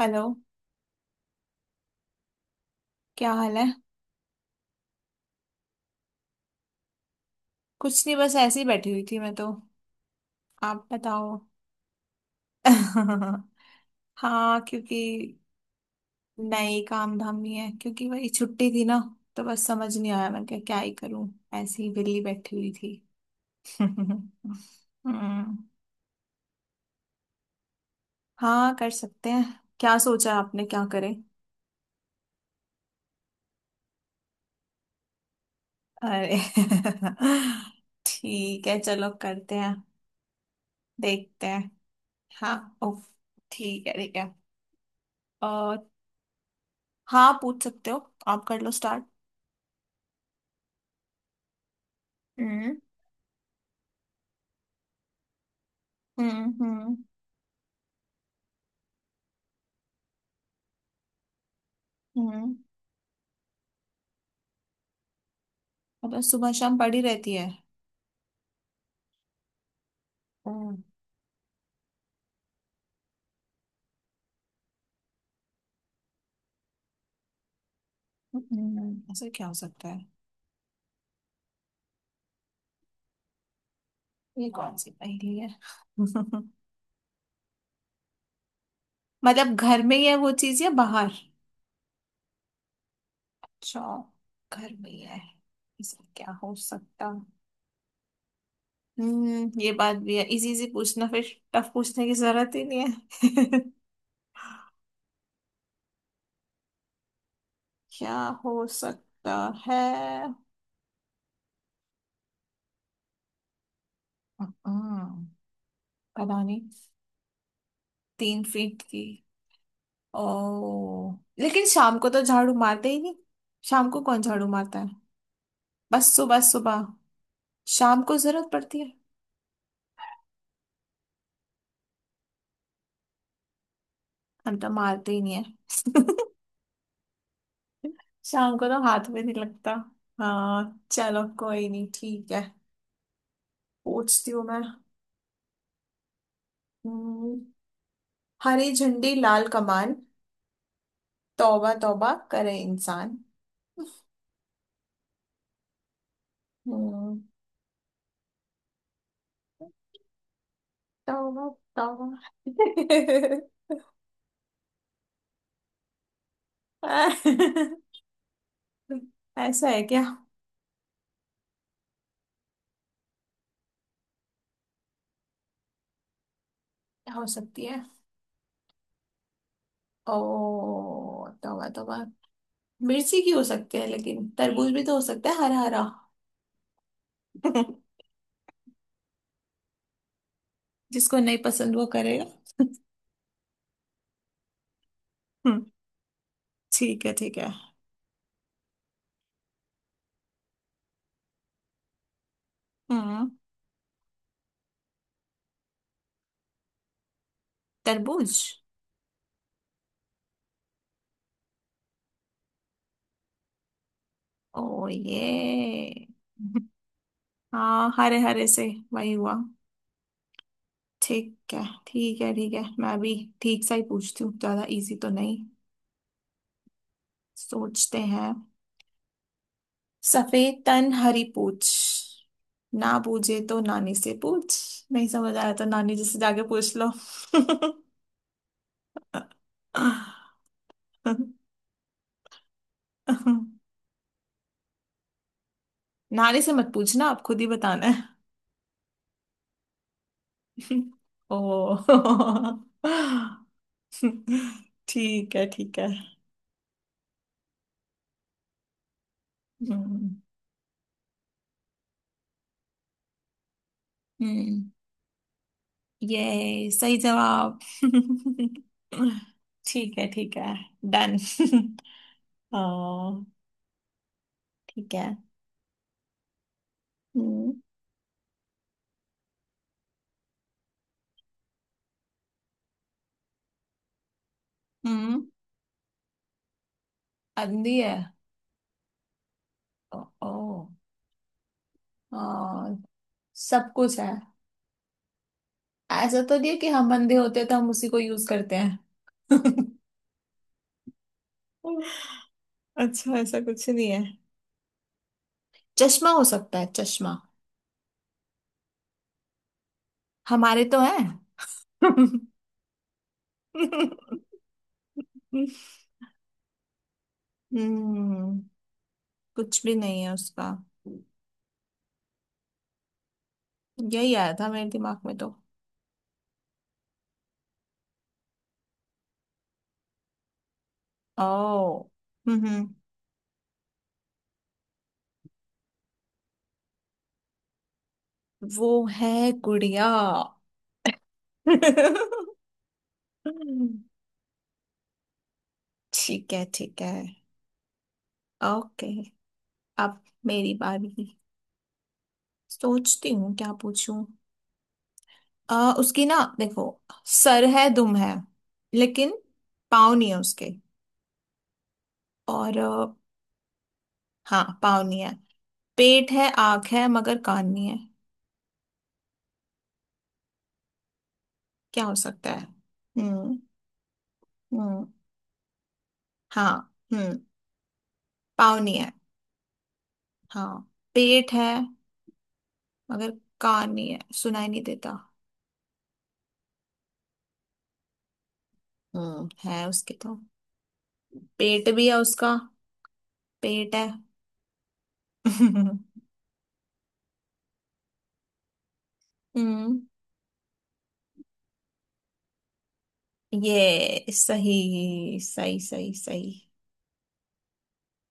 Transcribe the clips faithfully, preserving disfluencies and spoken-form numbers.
Hello. क्या हाल है? कुछ नहीं, बस ऐसे ही बैठी हुई थी मैं तो। आप बताओ। हाँ, क्योंकि नई काम धाम नहीं है, क्योंकि वही छुट्टी थी ना, तो बस समझ नहीं आया मैं क्या क्या ही करूं। ऐसे ही विली बैठी हुई थी। हम्म। हाँ, कर सकते हैं। क्या सोचा है आपने, क्या करें? अरे। ठीक है, चलो करते हैं। देखते हैं। हाँ, ओ। ठीक है, ठीक है। और? हाँ, पूछ सकते हो। आप कर लो। हम्म। हम्म। हम्म हम्म। मतलब सुबह शाम पड़ी रहती है? हम्म। हम्म, ऐसा क्या हो सकता है? ये कौन सी पहेली है? मतलब घर में ही है वो चीज या बाहर? अच्छा, घर में ही है। ऐसा क्या हो सकता? हम्म, ये बात भी है। इजी इजी पूछना, फिर टफ पूछने की जरूरत ही नहीं है। क्या हो सकता है? हम्म, पता नहीं। तीन फीट की? ओ, लेकिन शाम को तो झाड़ू मारते ही नहीं। शाम को कौन झाड़ू मारता है? बस सुबह सुबह। शाम को जरूरत पड़ती है? हम तो मारते ही नहीं है। शाम को तो हाथ में नहीं लगता। हाँ, चलो कोई नहीं, ठीक है। पूछती हूँ मैं। हम्म, हरी झंडी लाल कमान, तौबा तौबा करे इंसान। हम्म, तौबा तौबा। ऐसा है क्या? हो सकती है। ओ, तौबा तौबा। मिर्ची की हो सकते हैं, लेकिन तरबूज भी तो हो सकता है, हरा हरा। जिसको नहीं पसंद वो करेगा। हम्म, ठीक है ठीक है। हम्म, तरबूज। ओ ये। हाँ, हरे हरे से। वही हुआ। ठीक है ठीक है ठीक है, मैं भी ठीक सा ही पूछती हूँ, ज्यादा इजी तो नहीं। सोचते हैं। सफेद तन हरी पूछ, ना पूछे तो नानी से पूछ। नहीं समझ आया तो नानी जी से जाके पूछ लो। नानी से मत पूछना, आप खुद ही बताना है। ओ। ठीक है ठीक है। हम्म। हम्म, ये सही जवाब। ठीक है ठीक है। डन। ओ। ठीक है। हम्म। हम्म, अंधी है। ओ, ओ, आ, सब कुछ है। ऐसा तो नहीं है कि हम अंधे होते हैं तो हम उसी को यूज करते हैं? अच्छा, ऐसा कुछ नहीं है। चश्मा हो सकता है, चश्मा। हमारे तो है। हम्म। कुछ भी नहीं है उसका। यही आया था मेरे दिमाग में तो। ओ। हम्म। वो है गुड़िया। ठीक है ठीक है। ओके। अब मेरी बारी। सोचती हूँ क्या पूछूं। आ, उसकी ना देखो। सर है, दुम है, लेकिन पाँव नहीं है उसके। और अ, हाँ, पाँव नहीं है। पेट है, आंख है, मगर कान नहीं है। क्या हो सकता है? हम्म। हम्म। हाँ, हम्म। पाँव नहीं है। हाँ, पेट है। मगर कान नहीं है, सुनाई नहीं देता। हम्म, है उसके तो। पेट भी है उसका। पेट है। हम्म, ये सही सही सही सही।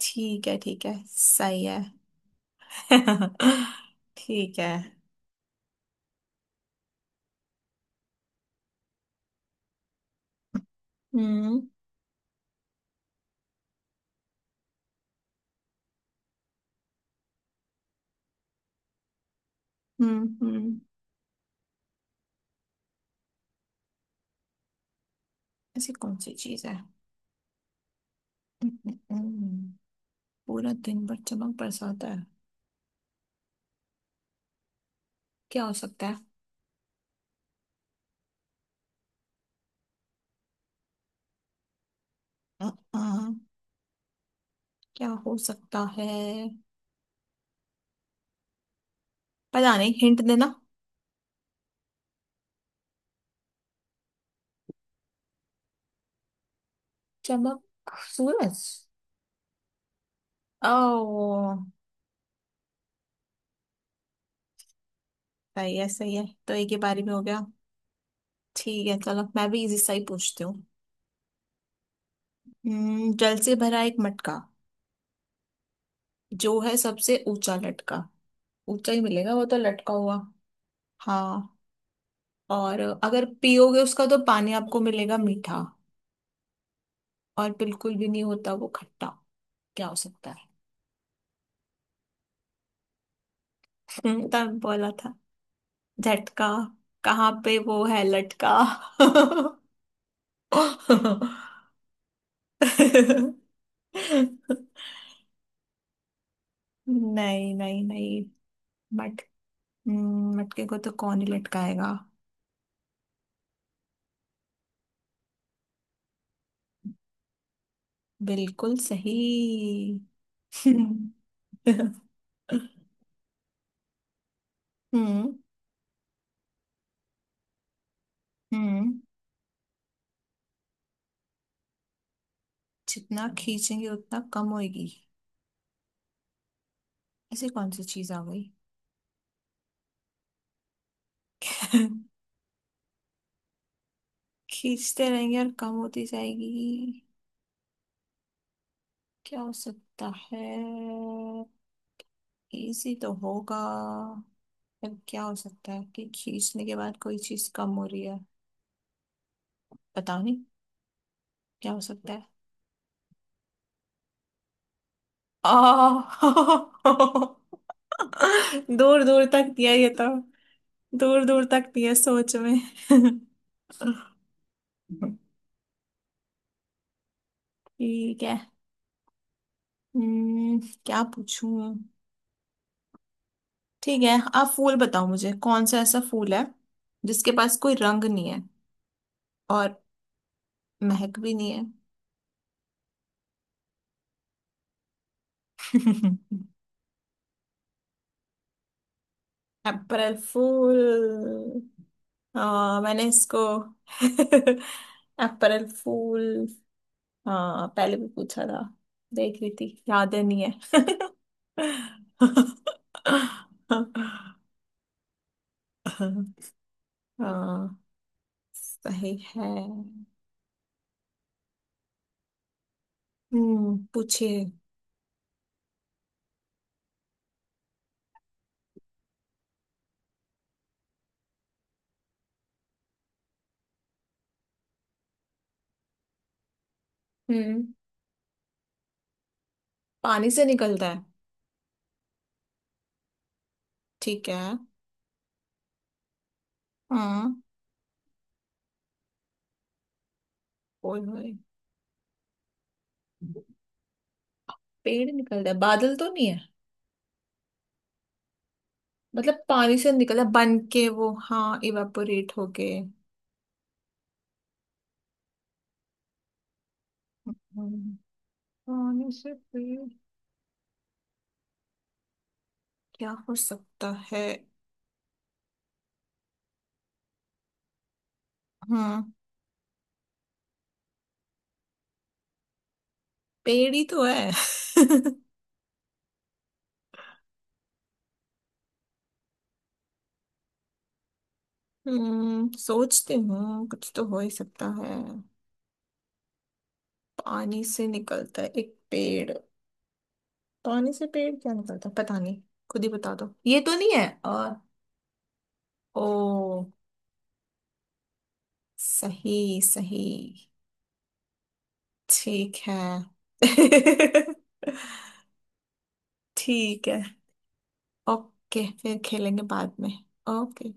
ठीक है ठीक है, सही है। ठीक है। हम्म हम्म हम्म ऐसी कौन सी चीज है? हम्म, हम्म, हम्म। पूरा दिन भर चमक बरसाता है? क्या हो सकता है? अ, अ, क्या हो सकता है? पता नहीं, हिंट देना। चमक। सूरज। ओ, सही है सही है, तो एक ही बारी में हो गया। ठीक है, चलो मैं भी इजी सा ही पूछती हूँ। हम्म, जल से भरा एक मटका, जो है सबसे ऊंचा लटका। ऊंचा ही मिलेगा वो तो, लटका हुआ। हाँ, और अगर पियोगे उसका तो पानी आपको मिलेगा मीठा, और बिल्कुल भी नहीं होता वो खट्टा। क्या हो सकता है? हम्म, तब बोला था झटका। कहाँ पे वो है लटका? नहीं नहीं नहीं, मट, हम्म, मटके को तो कौन ही लटकाएगा। बिल्कुल सही। हम्म। हम्म, जितना खींचेंगे उतना कम होएगी। ऐसी कौन सी चीज आ गई? खींचते रहेंगे और कम होती जाएगी। क्या हो सकता है? इजी तो होगा। फिर क्या हो सकता है कि खींचने के बाद कोई चीज कम हो रही है? पता नहीं, क्या हो सकता है? आ। दूर दूर तक दिया ये तो। दूर दूर तक दिया सोच में। ठीक है। हम्म, क्या पूछूं। ठीक है, आप फूल बताओ मुझे, कौन सा ऐसा फूल है जिसके पास कोई रंग नहीं है और महक भी नहीं है। अप्रैल फूल। हाँ, मैंने इसको। अप्रैल फूल। हाँ, पहले भी पूछा था। देख रही थी याद है, नहीं है। हाँ, सही है। हम्म, पूछिए। हम्म। पानी से निकलता है। ठीक है। हाँ। ओए होए। पेड़ निकलता है? बादल तो नहीं है? मतलब पानी से निकलता है बन के वो, हाँ इवापोरेट हो गए। हम्म, पानी से पेड़? क्या हो सकता है? हम्म, पेड़ ही तो है। हम्म, सोचती हूँ, कुछ तो हो ही सकता है। पानी से निकलता है एक पेड़। पानी से पेड़ क्या निकलता है, पता नहीं। खुद ही बता दो, ये तो नहीं है और। ओ, सही सही। ठीक है। ठीक है। ओके, फिर खेलेंगे बाद में। ओके।